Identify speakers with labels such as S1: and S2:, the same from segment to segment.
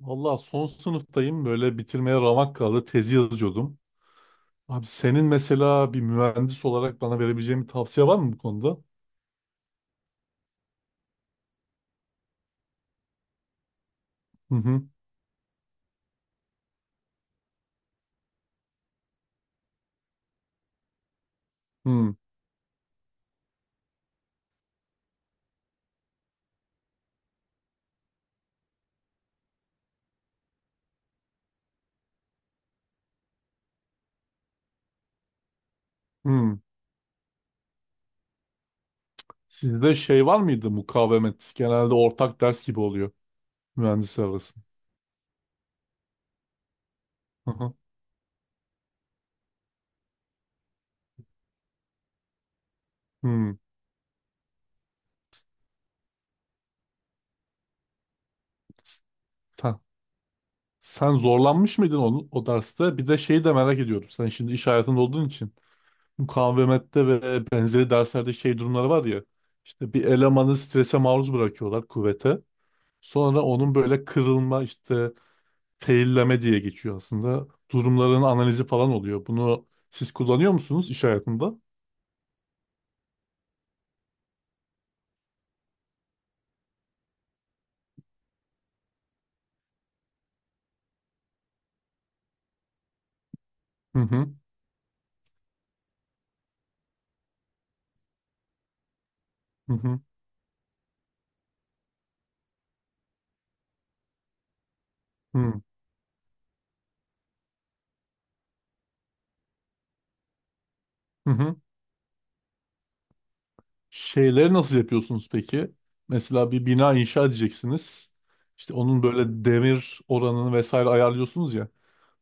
S1: Valla son sınıftayım böyle bitirmeye ramak kaldı tezi yazıyordum. Abi senin mesela bir mühendis olarak bana verebileceğin bir tavsiye var mı bu konuda? Hı hı. Hı hı. Sizde şey var mıydı mukavemet? Genelde ortak ders gibi oluyor mühendisler arasında. Hı hı. Hı. Sen, sen zorlanmış mıydın onu, o derste? Bir de şeyi de merak ediyorum. Sen şimdi iş hayatında olduğun için mukavemette ve benzeri derslerde şey durumları var ya. İşte bir elemanı strese maruz bırakıyorlar kuvvete. Sonra onun böyle kırılma işte failleme diye geçiyor aslında. Durumların analizi falan oluyor. Bunu siz kullanıyor musunuz iş hayatında? Hı hı hı hı hı hı. Hı. Şeyleri nasıl yapıyorsunuz peki? Mesela bir bina inşa edeceksiniz. İşte onun böyle demir oranını vesaire ayarlıyorsunuz ya.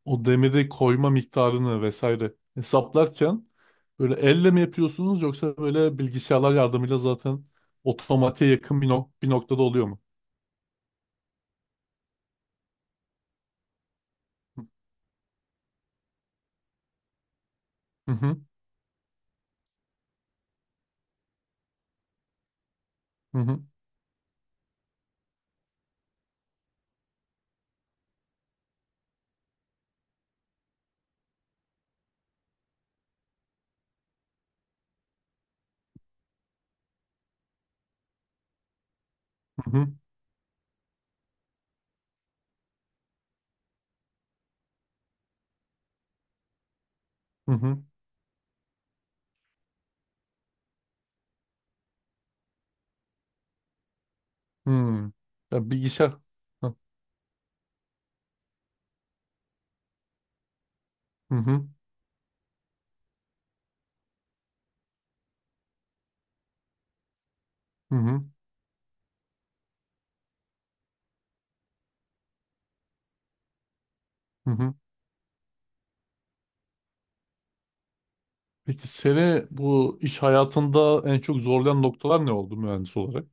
S1: O demiri koyma miktarını vesaire hesaplarken böyle elle mi yapıyorsunuz yoksa böyle bilgisayarlar yardımıyla zaten otomatiğe yakın bir noktada oluyor mu? Hı hı. Hı hı. Hı hı hı hı. Hı. Ya bilgisayar. Hı hı hı hı. Hı hı. Peki seni bu iş hayatında en çok zorlayan noktalar ne oldu mühendis olarak?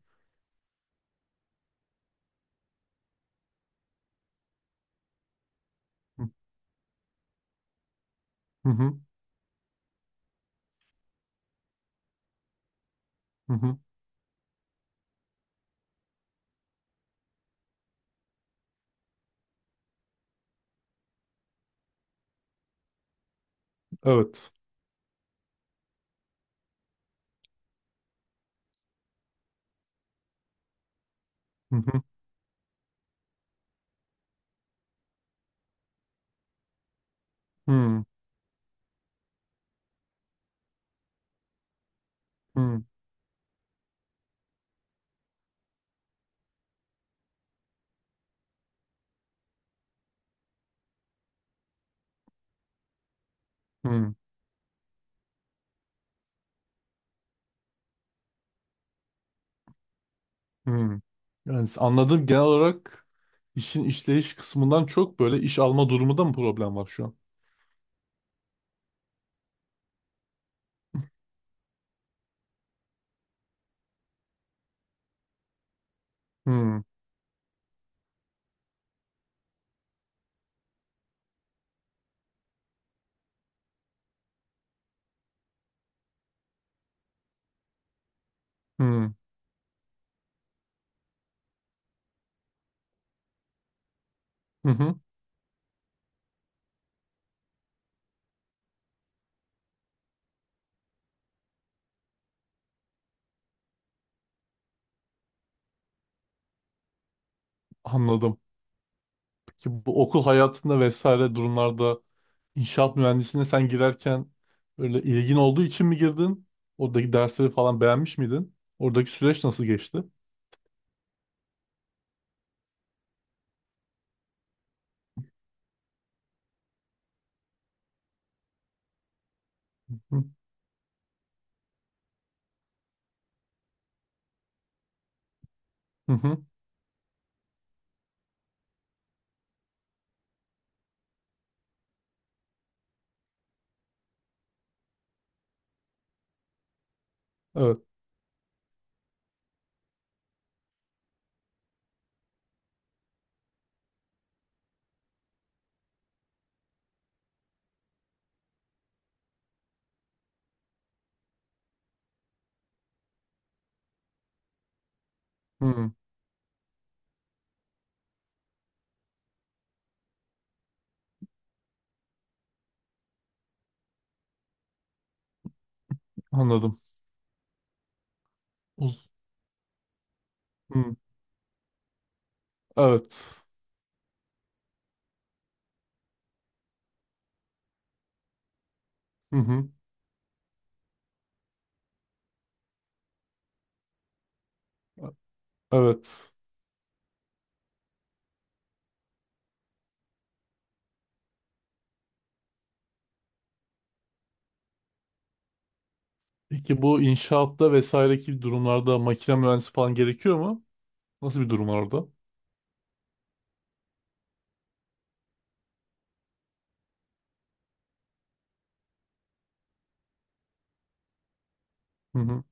S1: Hı hı hı hı. Evet. Hı hı hı hı hı. Hı. Yani anladığım genel olarak işin işleyiş kısmından çok böyle iş alma durumunda mı problem var şu an? Hı hı hı hı. Anladım. Ki bu okul hayatında vesaire durumlarda inşaat mühendisliğine sen girerken böyle ilgin olduğu için mi girdin? Oradaki dersleri falan beğenmiş miydin? Oradaki süreç nasıl geçti? Hı hı. Hı. Evet. Hı. Anladım. Uz- hı. Evet. Hı hı. Evet. Peki bu inşaatta vesaireki durumlarda makine mühendisi falan gerekiyor mu? Nasıl bir durum var orada? Hı hı.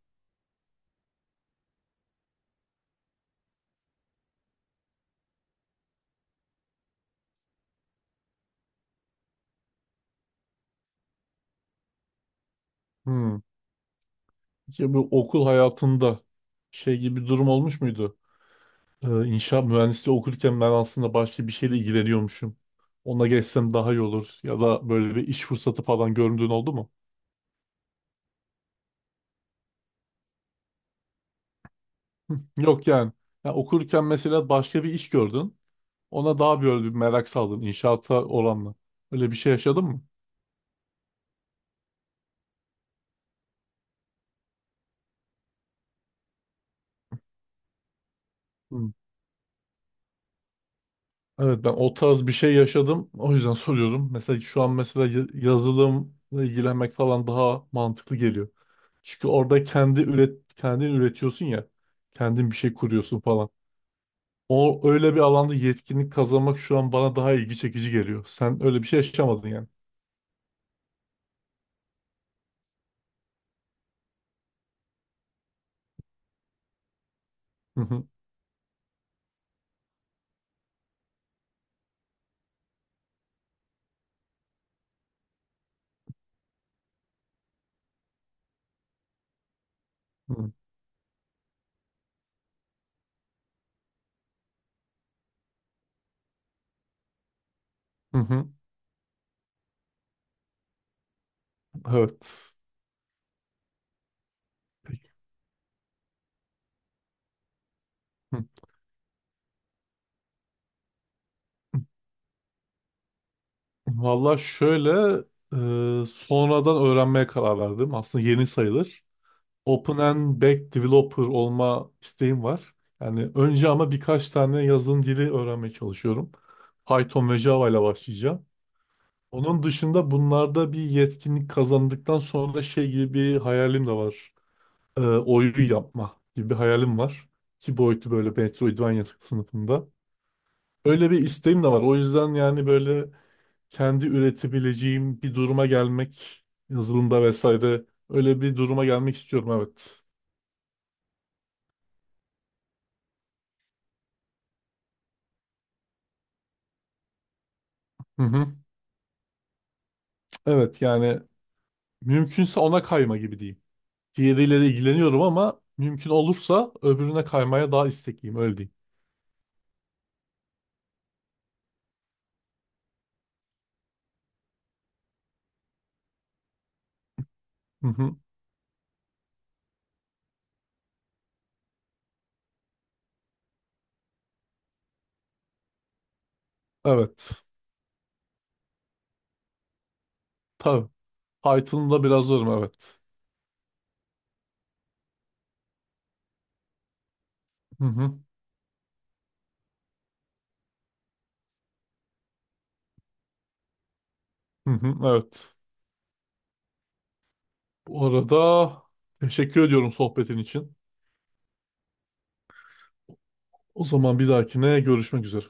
S1: Hı. Peki bu okul hayatında şey gibi bir durum olmuş muydu? İnşaat mühendisliği okurken ben aslında başka bir şeyle ilgileniyormuşum. Ona geçsem daha iyi olur. Ya da böyle bir iş fırsatı falan göründüğün oldu mu? Hı, yok yani. Ya okurken mesela başka bir iş gördün. Ona daha böyle bir merak saldın inşaata oranla. Öyle bir şey yaşadın mı? Hı. Evet, ben o tarz bir şey yaşadım. O yüzden soruyorum. Mesela şu an mesela yazılımla ilgilenmek falan daha mantıklı geliyor. Çünkü orada kendin üretiyorsun ya. Kendin bir şey kuruyorsun falan. O öyle bir alanda yetkinlik kazanmak şu an bana daha ilgi çekici geliyor. Sen öyle bir şey yaşamadın yani. Hı hı. Hı hı. Hı. Evet. Hı. Valla şöyle sonradan öğrenmeye karar verdim. Aslında yeni sayılır. Open and Back Developer olma isteğim var. Yani önce ama birkaç tane yazılım dili öğrenmeye çalışıyorum. Python ve Java ile başlayacağım. Onun dışında bunlarda bir yetkinlik kazandıktan sonra şey gibi bir hayalim de var. Oyun yapma gibi bir hayalim var. Ki boyutu böyle Metroidvania sınıfında. Öyle bir isteğim de var. O yüzden yani böyle kendi üretebileceğim bir duruma gelmek, yazılımda vesaire öyle bir duruma gelmek istiyorum, evet. Hı hı. Evet yani mümkünse ona kayma gibi diyeyim. Diğeriyle de ilgileniyorum ama mümkün olursa öbürüne kaymaya daha istekliyim, öyle diyeyim. Hı hı. Evet. Tabii. Python'da biraz zorum, evet. Hı hı. Hı hı. Evet. Bu arada teşekkür ediyorum sohbetin için. O zaman bir dahakine görüşmek üzere.